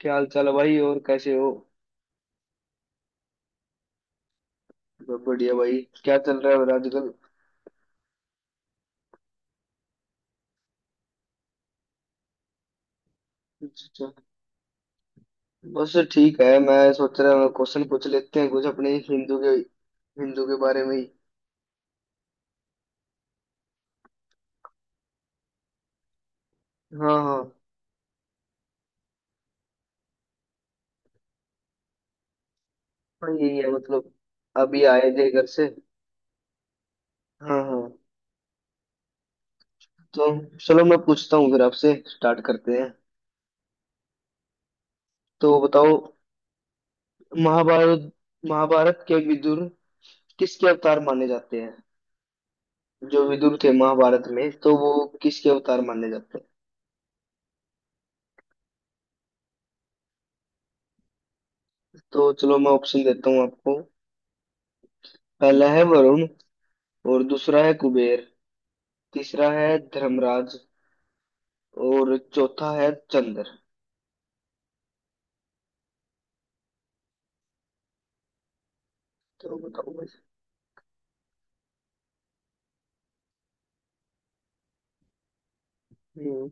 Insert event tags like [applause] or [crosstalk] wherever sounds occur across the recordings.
क्या हाल चाल है भाई और कैसे हो? सब बढ़िया भाई। क्या चल रहा है और आजकल? अच्छा। बस ठीक है, मैं सोच रहा हूँ क्वेश्चन पूछ लेते हैं कुछ अपने हिंदू के। हिंदू के बारे में ही। हाँ हाँ। हाँ, यही है मतलब। अभी आए थे घर से। हाँ हाँ। तो चलो मैं पूछता हूँ, फिर आपसे स्टार्ट करते हैं। तो बताओ। महाभारत। महाभारत के विदुर किसके अवतार माने जाते हैं? जो विदुर थे महाभारत में, तो वो किसके अवतार माने जाते हैं? तो चलो मैं ऑप्शन देता हूँ आपको। पहला है वरुण, और दूसरा है कुबेर, तीसरा है धर्मराज, और चौथा है चंद्र। तो बताओ भाई। हम्म।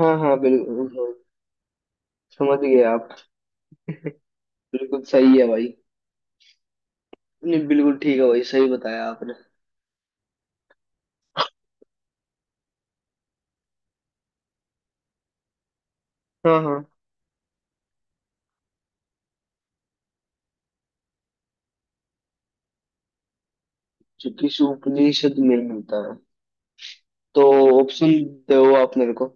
हाँ हाँ बिल्कुल, हाँ, समझ गए आप। बिल्कुल सही है भाई। नहीं, बिल्कुल ठीक है भाई, सही बताया आपने। हाँ हाँ। जो किस उपनिषद में मिलता है। तो ऑप्शन दो आप मेरे को।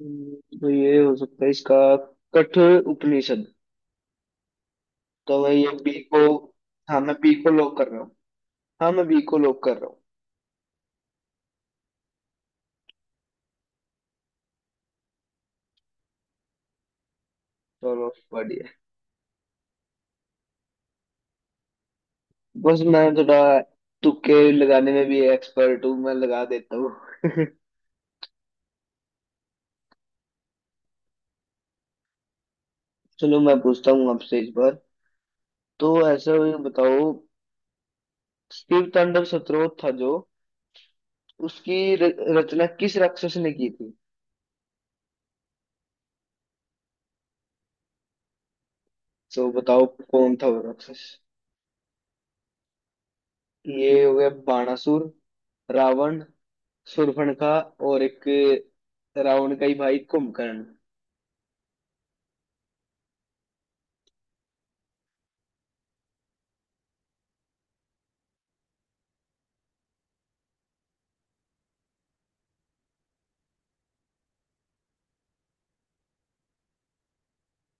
तो ये हो सकता है इसका कठ उपनिषद। तो मैं ये बी को। हाँ मैं बी को लॉक कर रहा हूँ हाँ मैं बी को लॉक कर रहा हूँ चलो बढ़िया। बस मैं थोड़ा तुक्के लगाने में भी एक्सपर्ट हूँ, मैं लगा देता हूँ। [laughs] चलो मैं पूछता हूँ आपसे इस बार। तो ऐसा ये बताओ, शिव तांडव स्तोत्र था जो, उसकी रचना किस राक्षस ने की थी? तो बताओ कौन था वो राक्षस। ये हो गया बाणासुर, रावण, शूर्पणखा, और एक रावण का ही भाई कुंभकर्ण।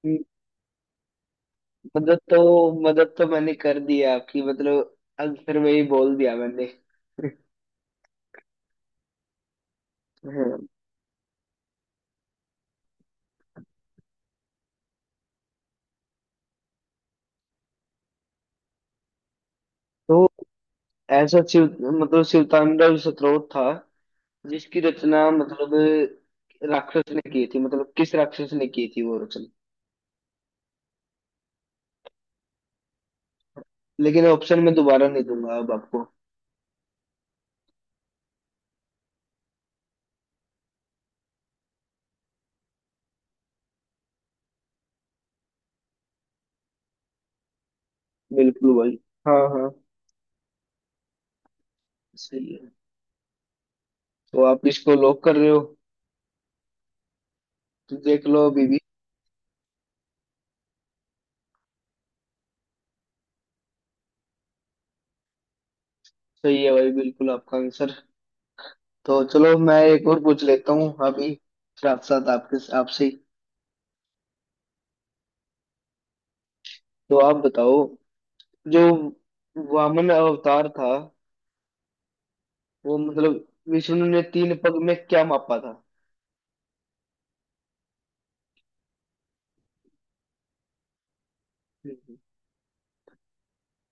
हम्म, मदद तो, मदद तो मैंने कर दी है आपकी, मतलब आंसर में ही बोल दिया मैंने। [laughs] तो ऐसा शिव, मतलब शिवतांडव स्तोत्र था, जिसकी रचना मतलब राक्षस ने की थी, मतलब किस राक्षस ने की थी वो रचना। लेकिन ऑप्शन मैं दोबारा नहीं दूंगा अब आपको। बिल्कुल भाई। हाँ हाँ। सही है। तो आप इसको लॉक कर रहे हो? तो देख लो अभी भी। सही है भाई, बिल्कुल आपका आंसर। तो चलो मैं एक और पूछ लेता हूँ अभी, साथ साथ आपके, आपसे ही। तो आप बताओ, जो वामन अवतार था, वो मतलब विष्णु ने तीन पग में क्या मापा था? हम्म।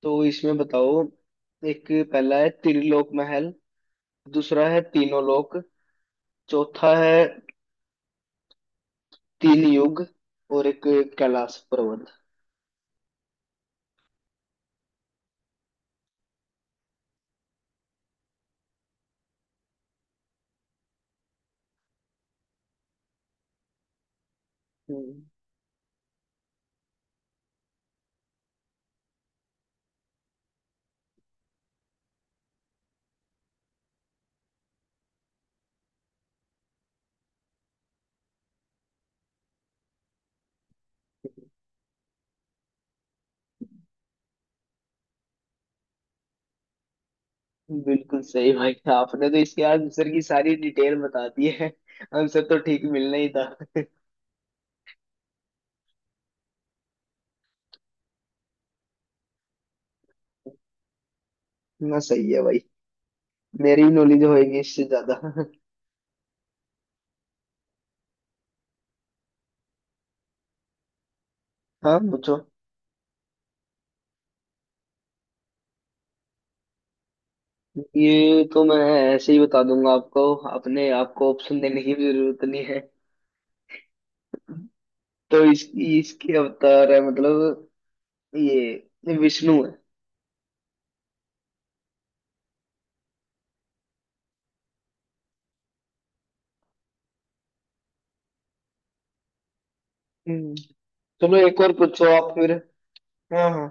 तो इसमें बताओ, एक पहला है त्रिलोक महल, दूसरा है तीनों लोक, चौथा है तीन युग, और एक कैलाश पर्वत। हम्म। बिल्कुल सही भाई, आपने तो इसके आंसर की सारी डिटेल बता दी है, आंसर तो ठीक मिलना ही था। ना सही है भाई, मेरी नॉलेज होएगी इससे ज्यादा। हाँ पूछो। ये तो मैं ऐसे ही बता दूंगा आपको, अपने आपको ऑप्शन देने की भी जरूरत नहीं है। तो इसके अवतार है मतलब, ये विष्णु है। हम्म। चलो एक और पूछो आप फिर। हाँ हाँ।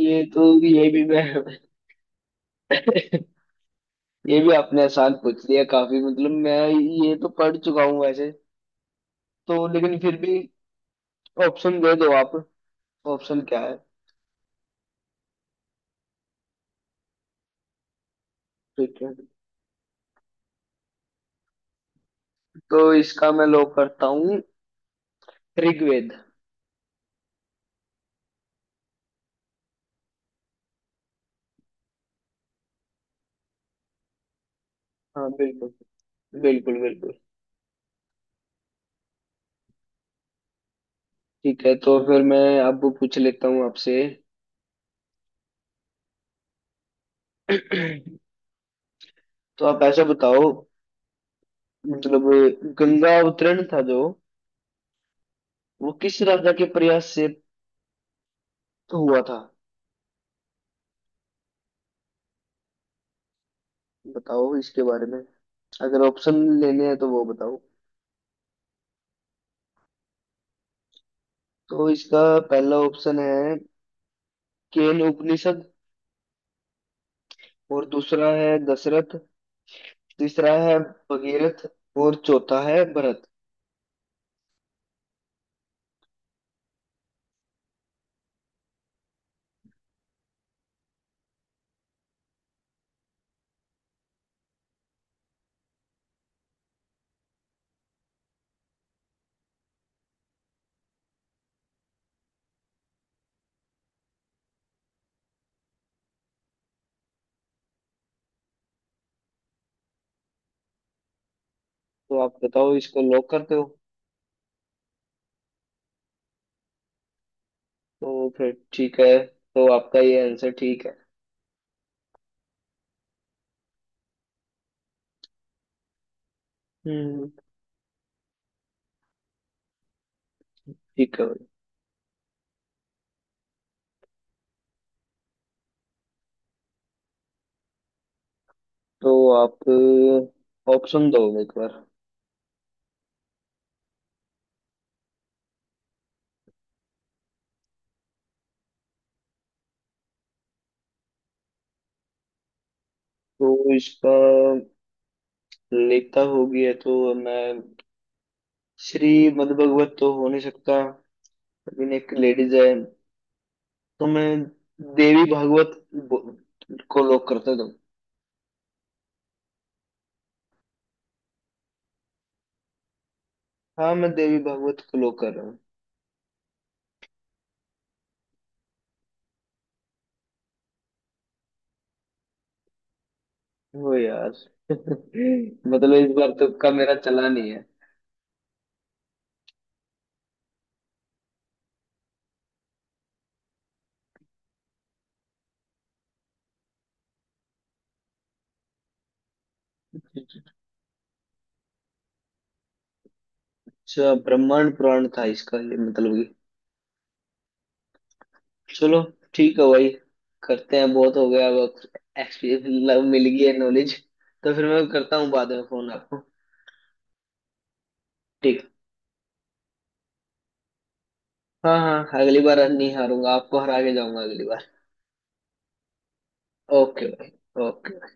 ये तो, ये भी मैं [laughs] ये भी आपने आसान पूछ लिया काफी, मतलब मैं ये तो पढ़ चुका हूँ वैसे। तो लेकिन फिर भी ऑप्शन दे दो आप, ऑप्शन क्या है? ठीक है, तो इसका मैं लॉक करता हूँ ऋग्वेद। हाँ बिल्कुल, बिल्कुल बिल्कुल। ठीक है, तो फिर मैं अब पूछ लेता हूँ आपसे। [clears throat] तो आप ऐसा बताओ, मतलब गंगा अवतरण था जो, वो किस राजा के प्रयास से हुआ था? बताओ इसके बारे में, अगर ऑप्शन लेने हैं तो वो बताओ। तो इसका पहला ऑप्शन है केन उपनिषद, और दूसरा है दशरथ, तीसरा है भगीरथ, और चौथा है भरत। तो आप बताओ इसको लॉक करते हो? तो फिर ठीक है, तो आपका ये आंसर ठीक है। हम्म। ठीक है भाई। तो आप ऑप्शन दो एक बार। तो इसका लेता होगी है तो मैं, श्री मद्भागवत तो हो नहीं सकता, लेकिन एक लेडीज है, तो मैं देवी भागवत को लोग करते तो। हाँ, मैं देवी भागवत को लोग कर रहा हूँ। हो यार [laughs] मतलब इस बार तुक्का मेरा चला नहीं है। अच्छा, ब्रह्मांड पुराण था इसका ये मतलब। कि चलो, ठीक है भाई, करते हैं, बहुत हो गया अब। एक्सपीरियंस लव मिल गई है, नॉलेज। तो फिर मैं करता हूँ बाद में फोन आपको। ठीक। हाँ हाँ, अगली बार नहीं हारूंगा, आपको हरा के जाऊंगा अगली बार। ओके भाई। ओके।